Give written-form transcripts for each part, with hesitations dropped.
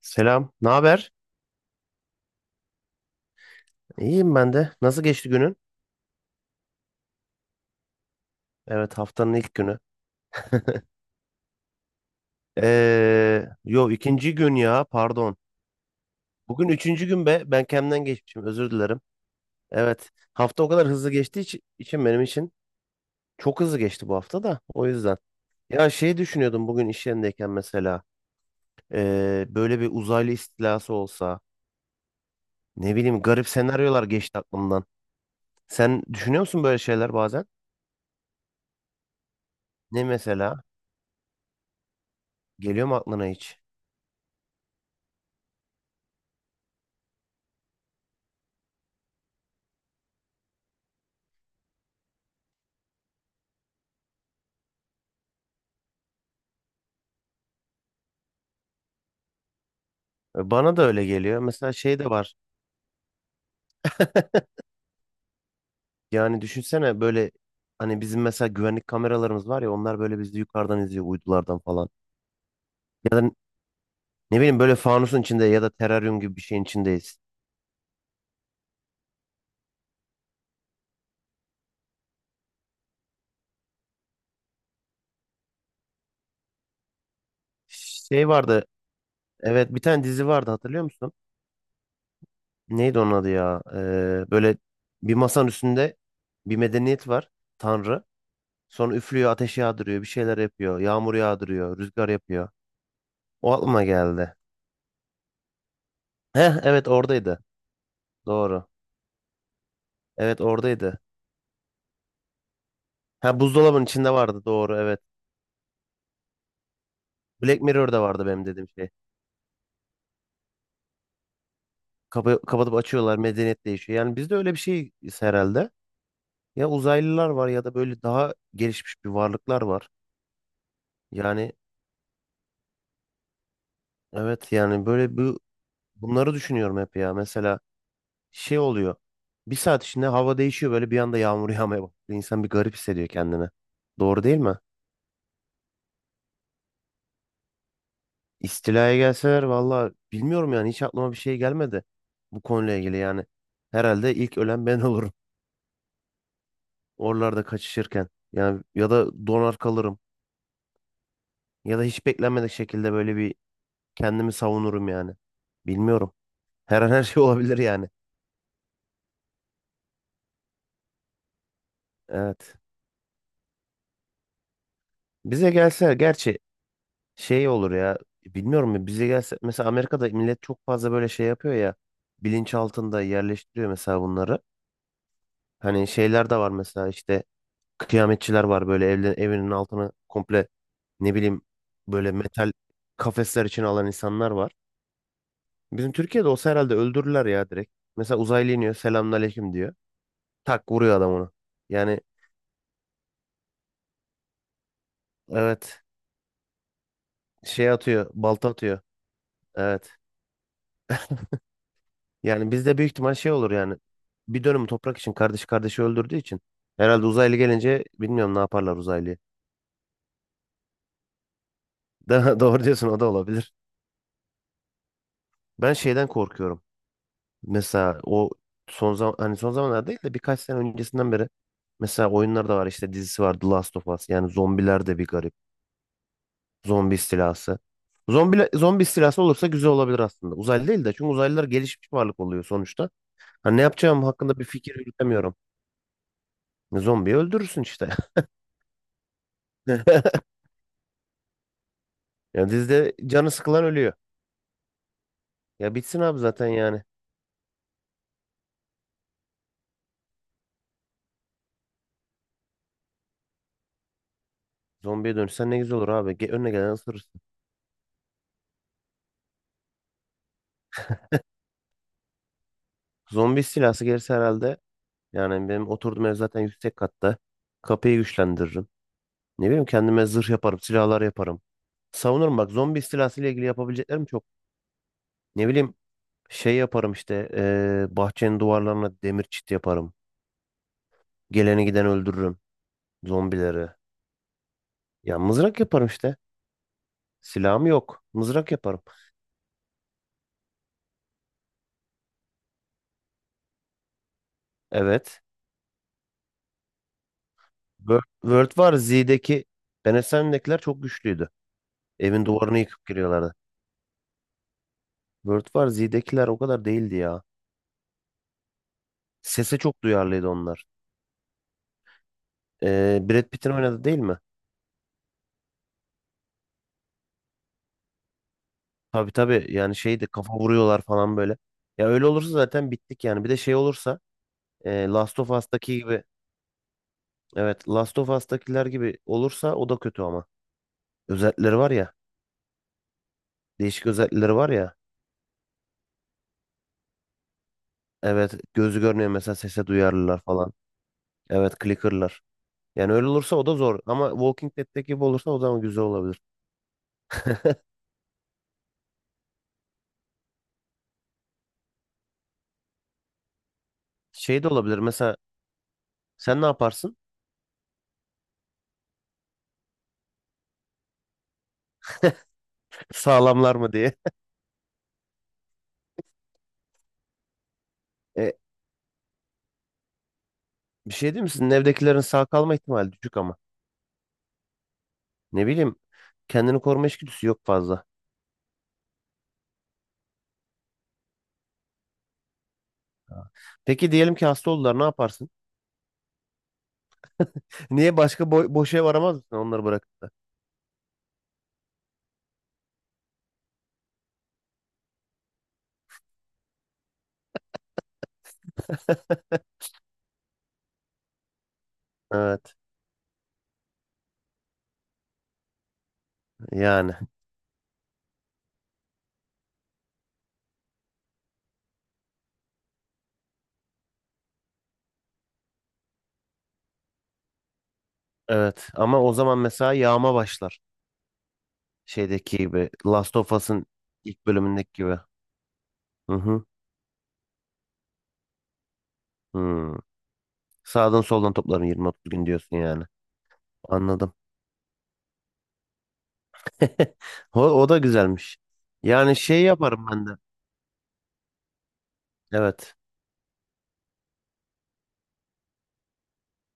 Selam, ne haber? İyiyim ben de. Nasıl geçti günün? Evet, haftanın ilk günü. Yo ikinci gün ya, pardon. Bugün üçüncü gün be. Ben kendimden geçmişim, özür dilerim. Evet, hafta o kadar hızlı geçtiği için benim için çok hızlı geçti bu hafta da. O yüzden. Ya şey düşünüyordum bugün iş yerindeyken mesela. Böyle bir uzaylı istilası olsa. Ne bileyim garip senaryolar geçti aklımdan. Sen düşünüyor musun böyle şeyler bazen? Ne mesela? Geliyor mu aklına hiç? Bana da öyle geliyor. Mesela şey de var. Yani düşünsene böyle hani bizim mesela güvenlik kameralarımız var ya, onlar böyle bizi yukarıdan izliyor uydulardan falan. Ya da ne bileyim böyle fanusun içinde ya da teraryum gibi bir şeyin içindeyiz. Şey vardı, evet bir tane dizi vardı, hatırlıyor musun? Neydi onun adı ya? Böyle bir masanın üstünde bir medeniyet var, tanrı. Sonra üflüyor, ateş yağdırıyor, bir şeyler yapıyor. Yağmur yağdırıyor, rüzgar yapıyor. O aklıma geldi. Heh evet oradaydı, doğru. Evet oradaydı. Ha, buzdolabının içinde vardı, doğru evet. Black Mirror'da vardı benim dediğim şey. Kapatıp açıyorlar, medeniyet değişiyor. Yani bizde öyle bir şey herhalde. Ya uzaylılar var ya da böyle daha gelişmiş bir varlıklar var. Yani evet, yani böyle bunları düşünüyorum hep ya. Mesela şey oluyor. Bir saat içinde hava değişiyor, böyle bir anda yağmur yağmaya başlıyor. İnsan bir garip hissediyor kendini. Doğru değil mi? İstilaya gelseler valla bilmiyorum, yani hiç aklıma bir şey gelmedi bu konuyla ilgili yani. Herhalde ilk ölen ben olurum. Oralarda kaçışırken. Yani ya da donar kalırım. Ya da hiç beklenmedik şekilde böyle bir kendimi savunurum yani. Bilmiyorum. Her an her şey olabilir yani. Evet. Bize gelse gerçi şey olur ya. Bilmiyorum ya, bize gelse mesela Amerika'da millet çok fazla böyle şey yapıyor ya. Bilinç altında yerleştiriyor mesela bunları. Hani şeyler de var mesela, işte kıyametçiler var, böyle evinin altını komple, ne bileyim böyle metal kafesler için alan insanlar var. Bizim Türkiye'de olsa herhalde öldürürler ya direkt. Mesela uzaylı iniyor, selamünaleyküm diyor. Tak vuruyor adam onu. Yani evet, şey atıyor, balta atıyor. Evet. Yani bizde büyük ihtimal şey olur yani. Bir dönüm toprak için kardeş kardeşi öldürdüğü için. Herhalde uzaylı gelince bilmiyorum ne yaparlar uzaylıyı. Doğru diyorsun, o da olabilir. Ben şeyden korkuyorum. Mesela o son zaman, hani son zamanlar değil de birkaç sene öncesinden beri mesela oyunlar da var, işte dizisi var The Last of Us. Yani zombiler de bir garip. Zombi istilası. Zombi istilası olursa güzel olabilir aslında. Uzaylı değil de, çünkü uzaylılar gelişmiş varlık oluyor sonuçta. Ha, ne yapacağım hakkında bir fikir yürütemiyorum. Zombiyi öldürürsün işte. Ya dizide canı sıkılan ölüyor. Ya bitsin abi zaten yani. Zombiye dönüşsen ne güzel olur abi. Önüne gelen ısırırsın. Zombi istilası gelirse herhalde yani benim oturduğum ev zaten yüksek katta. Kapıyı güçlendiririm. Ne bileyim kendime zırh yaparım, silahlar yaparım. Savunurum, bak zombi istilası ile ilgili yapabileceklerim çok. Ne bileyim şey yaparım işte bahçenin duvarlarına demir çit yaparım. Geleni giden öldürürüm zombileri. Ya mızrak yaparım işte. Silahım yok. Mızrak yaparım. Evet. Word, Word var. Z'deki Benesen'dekiler çok güçlüydü. Evin duvarını yıkıp giriyorlardı. Word var. Z'dekiler o kadar değildi ya. Sese çok duyarlıydı onlar. Brad Pitt'in oynadı değil mi? Tabii tabii. Yani şeydi, kafa vuruyorlar falan böyle. Ya öyle olursa zaten bittik yani. Bir de şey olursa Last of Us'taki gibi. Evet, Last of Us'takiler gibi olursa o da kötü ama. Özellikleri var ya. Değişik özellikleri var ya. Evet gözü görmüyor mesela, sese duyarlılar falan. Evet clicker'lar. Yani öyle olursa o da zor. Ama Walking Dead'teki gibi olursa o zaman güzel olabilir. Şey de olabilir mesela, sen ne yaparsın? Sağlamlar mı diye. E, bir şey değil mi? Sizin evdekilerin sağ kalma ihtimali düşük ama. Ne bileyim, kendini koruma içgüdüsü yok fazla. Ha. Peki diyelim ki hasta oldular, ne yaparsın? Niye başka boş ev aramaz mısın onları bırakıp da? Evet, yani evet ama o zaman mesela yağma başlar. Şeydeki gibi, Last of Us'ın ilk bölümündeki gibi. Hı hı. Hı. Sağdan soldan toplarım, 20-30 gün diyorsun yani. Anladım. O, o da güzelmiş. Yani şey yaparım ben de. Evet.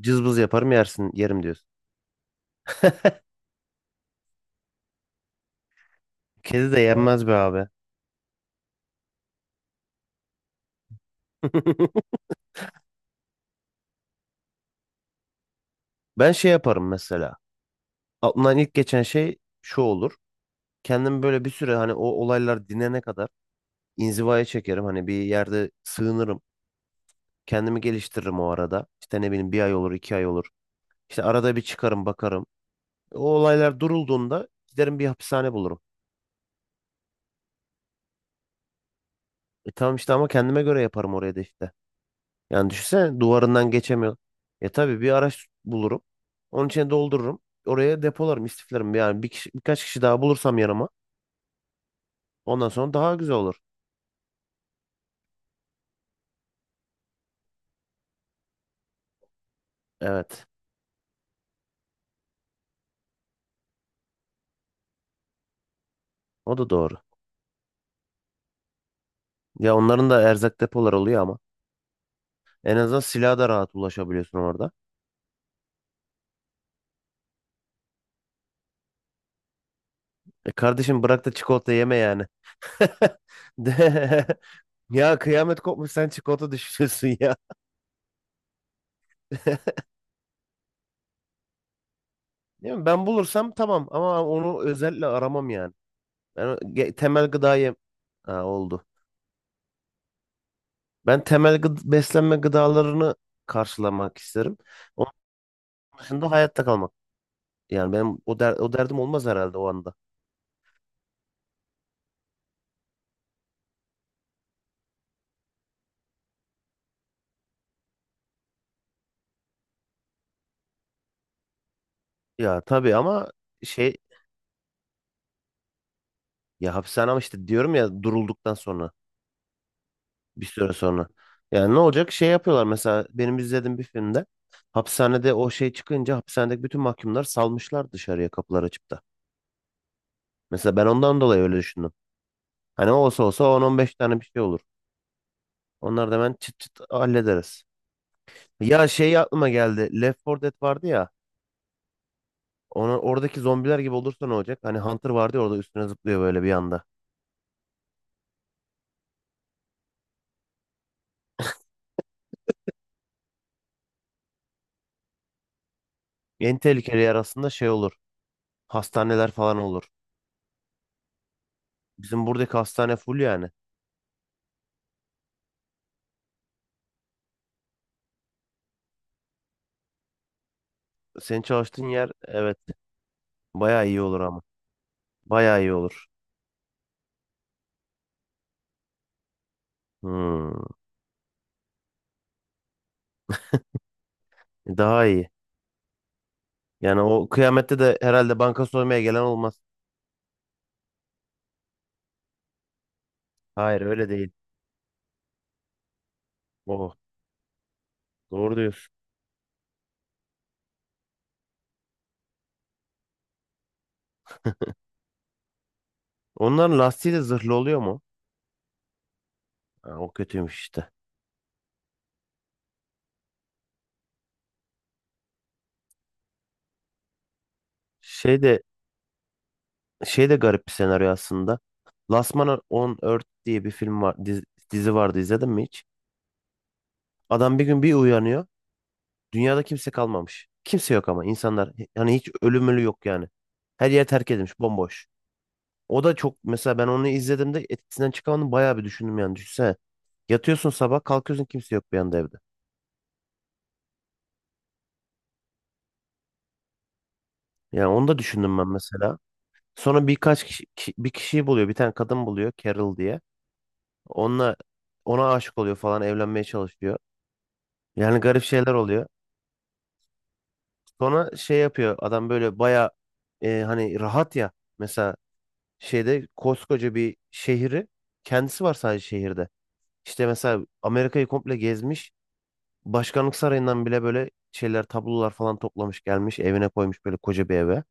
Cızbız yaparım, yersin yerim diyorsun. Kedi de yenmez be abi. Ben şey yaparım mesela. Aklımdan ilk geçen şey şu olur. Kendimi böyle bir süre, hani o olaylar dinene kadar inzivaya çekerim. Hani bir yerde sığınırım. Kendimi geliştiririm o arada. İşte ne bileyim, bir ay olur, 2 ay olur. İşte arada bir çıkarım bakarım. O olaylar durulduğunda giderim bir hapishane bulurum. E tamam işte, ama kendime göre yaparım oraya da işte. Yani düşünsene, duvarından geçemiyor. E tabii bir araç bulurum. Onun içine doldururum. Oraya depolarım, istiflerim. Yani bir kişi, birkaç kişi daha bulursam yanıma. Ondan sonra daha güzel olur. Evet. O da doğru. Ya onların da erzak depoları oluyor ama. En azından silaha da rahat ulaşabiliyorsun orada. E kardeşim, bırak da çikolata yeme yani. De- Ya kıyamet kopmuş, sen çikolata düşünüyorsun ya. Değil mi? Ben bulursam tamam ama onu özellikle aramam yani. Ben temel gıdayı, ha, oldu. Ben temel beslenme gıdalarını karşılamak isterim. Onun dışında hayatta kalmak. Yani benim o derdim olmaz herhalde o anda. Ya tabii ama şey, ya hapishane ama işte diyorum ya, durulduktan sonra bir süre sonra. Yani ne olacak? Şey yapıyorlar mesela benim izlediğim bir filmde, hapishanede o şey çıkınca hapishanedeki bütün mahkumlar salmışlar dışarıya kapılar açıp da. Mesela ben ondan dolayı öyle düşündüm. Hani olsa olsa on on beş tane bir şey olur. Onlar da hemen çıt çıt hallederiz. Ya şey aklıma geldi. Left 4 Dead vardı ya. Ona, oradaki zombiler gibi olursa ne olacak? Hani Hunter vardı ya orada, üstüne zıplıyor böyle bir anda. En tehlikeli yer aslında şey olur. Hastaneler falan olur. Bizim buradaki hastane full yani. Senin çalıştığın yer, evet bayağı iyi olur ama. Bayağı iyi olur. Hmm, daha iyi. Yani o kıyamette de herhalde banka soymaya gelen olmaz. Hayır, öyle değil. Oh, doğru diyorsun. Onların lastiği de zırhlı oluyor mu? Ha, o kötüymüş işte. Şey de Şey de garip bir senaryo aslında. Last Man on Earth diye bir film var, dizi vardı, izledin mi hiç? Adam bir gün bir uyanıyor. Dünyada kimse kalmamış. Kimse yok ama insanlar, hani hiç ölü yok yani. Her yer terk edilmiş, bomboş. O da çok, mesela ben onu izlediğimde etkisinden çıkamadım, bayağı bir düşündüm yani düşünsene. Yatıyorsun sabah kalkıyorsun kimse yok bir anda evde. Yani onu da düşündüm ben mesela. Sonra birkaç kişi, bir kişiyi buluyor. Bir tane kadın buluyor, Carol diye. Onunla, ona aşık oluyor falan, evlenmeye çalışıyor. Yani garip şeyler oluyor. Sonra şey yapıyor adam, böyle baya hani rahat ya. Mesela şeyde koskoca bir şehri, kendisi var sadece şehirde. İşte mesela Amerika'yı komple gezmiş. Başkanlık sarayından bile böyle şeyler, tablolar falan toplamış, gelmiş evine koymuş, böyle koca bir eve.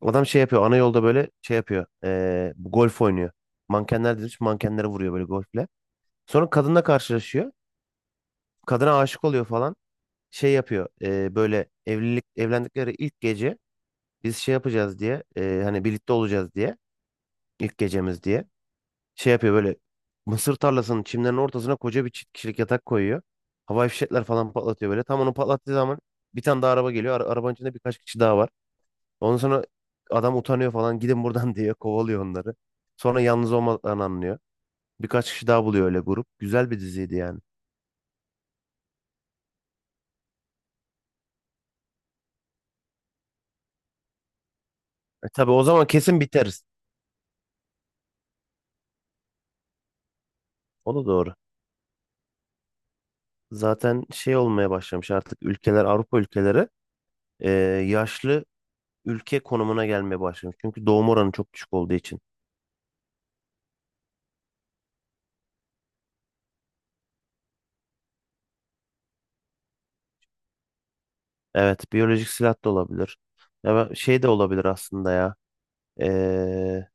Adam şey yapıyor ana yolda, böyle şey yapıyor bu golf oynuyor. Mankenler demiş, mankenlere vuruyor böyle golfle. Sonra kadınla karşılaşıyor. Kadına aşık oluyor falan. Şey yapıyor böyle evlendikleri ilk gece biz şey yapacağız diye, hani birlikte olacağız diye, ilk gecemiz diye şey yapıyor böyle, mısır tarlasının, çimlerin ortasına koca bir çift kişilik yatak koyuyor. Havai fişekler falan patlatıyor böyle. Tam onu patlattığı zaman bir tane daha araba geliyor. Arabanın içinde birkaç kişi daha var. Ondan sonra adam utanıyor falan, gidin buradan diye kovalıyor onları. Sonra yalnız olmadan anlıyor. Birkaç kişi daha buluyor, öyle grup. Güzel bir diziydi yani. E tabii o zaman kesin biteriz. O da doğru. Zaten şey olmaya başlamış artık, ülkeler, Avrupa ülkeleri e, yaşlı ülke konumuna gelmeye başlamış. Çünkü doğum oranı çok düşük olduğu için. Evet, biyolojik silah da olabilir. Ya ben- şey de olabilir aslında ya. Ee,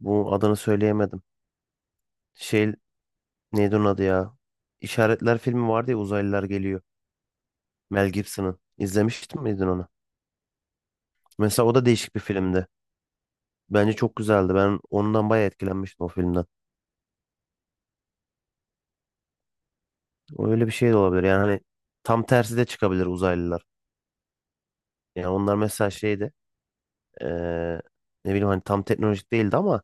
Bu adını söyleyemedim. Şey, neydi onun adı ya? İşaretler filmi vardı ya, uzaylılar geliyor. Mel Gibson'ın. İzlemiştin miydin onu? Mesela o da değişik bir filmdi. Bence çok güzeldi. Ben ondan bayağı etkilenmiştim o filmden. Öyle bir şey de olabilir. Yani hani tam tersi de çıkabilir uzaylılar. Yani onlar mesela şeydi. ee, Ne bileyim, hani tam teknolojik değildi ama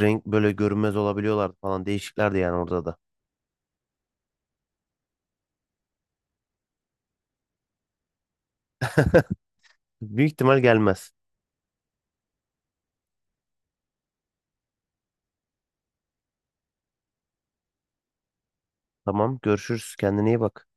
renk böyle görünmez olabiliyorlardı falan, değişiklerdi yani orada da. Büyük ihtimal gelmez. Tamam görüşürüz, kendine iyi bak.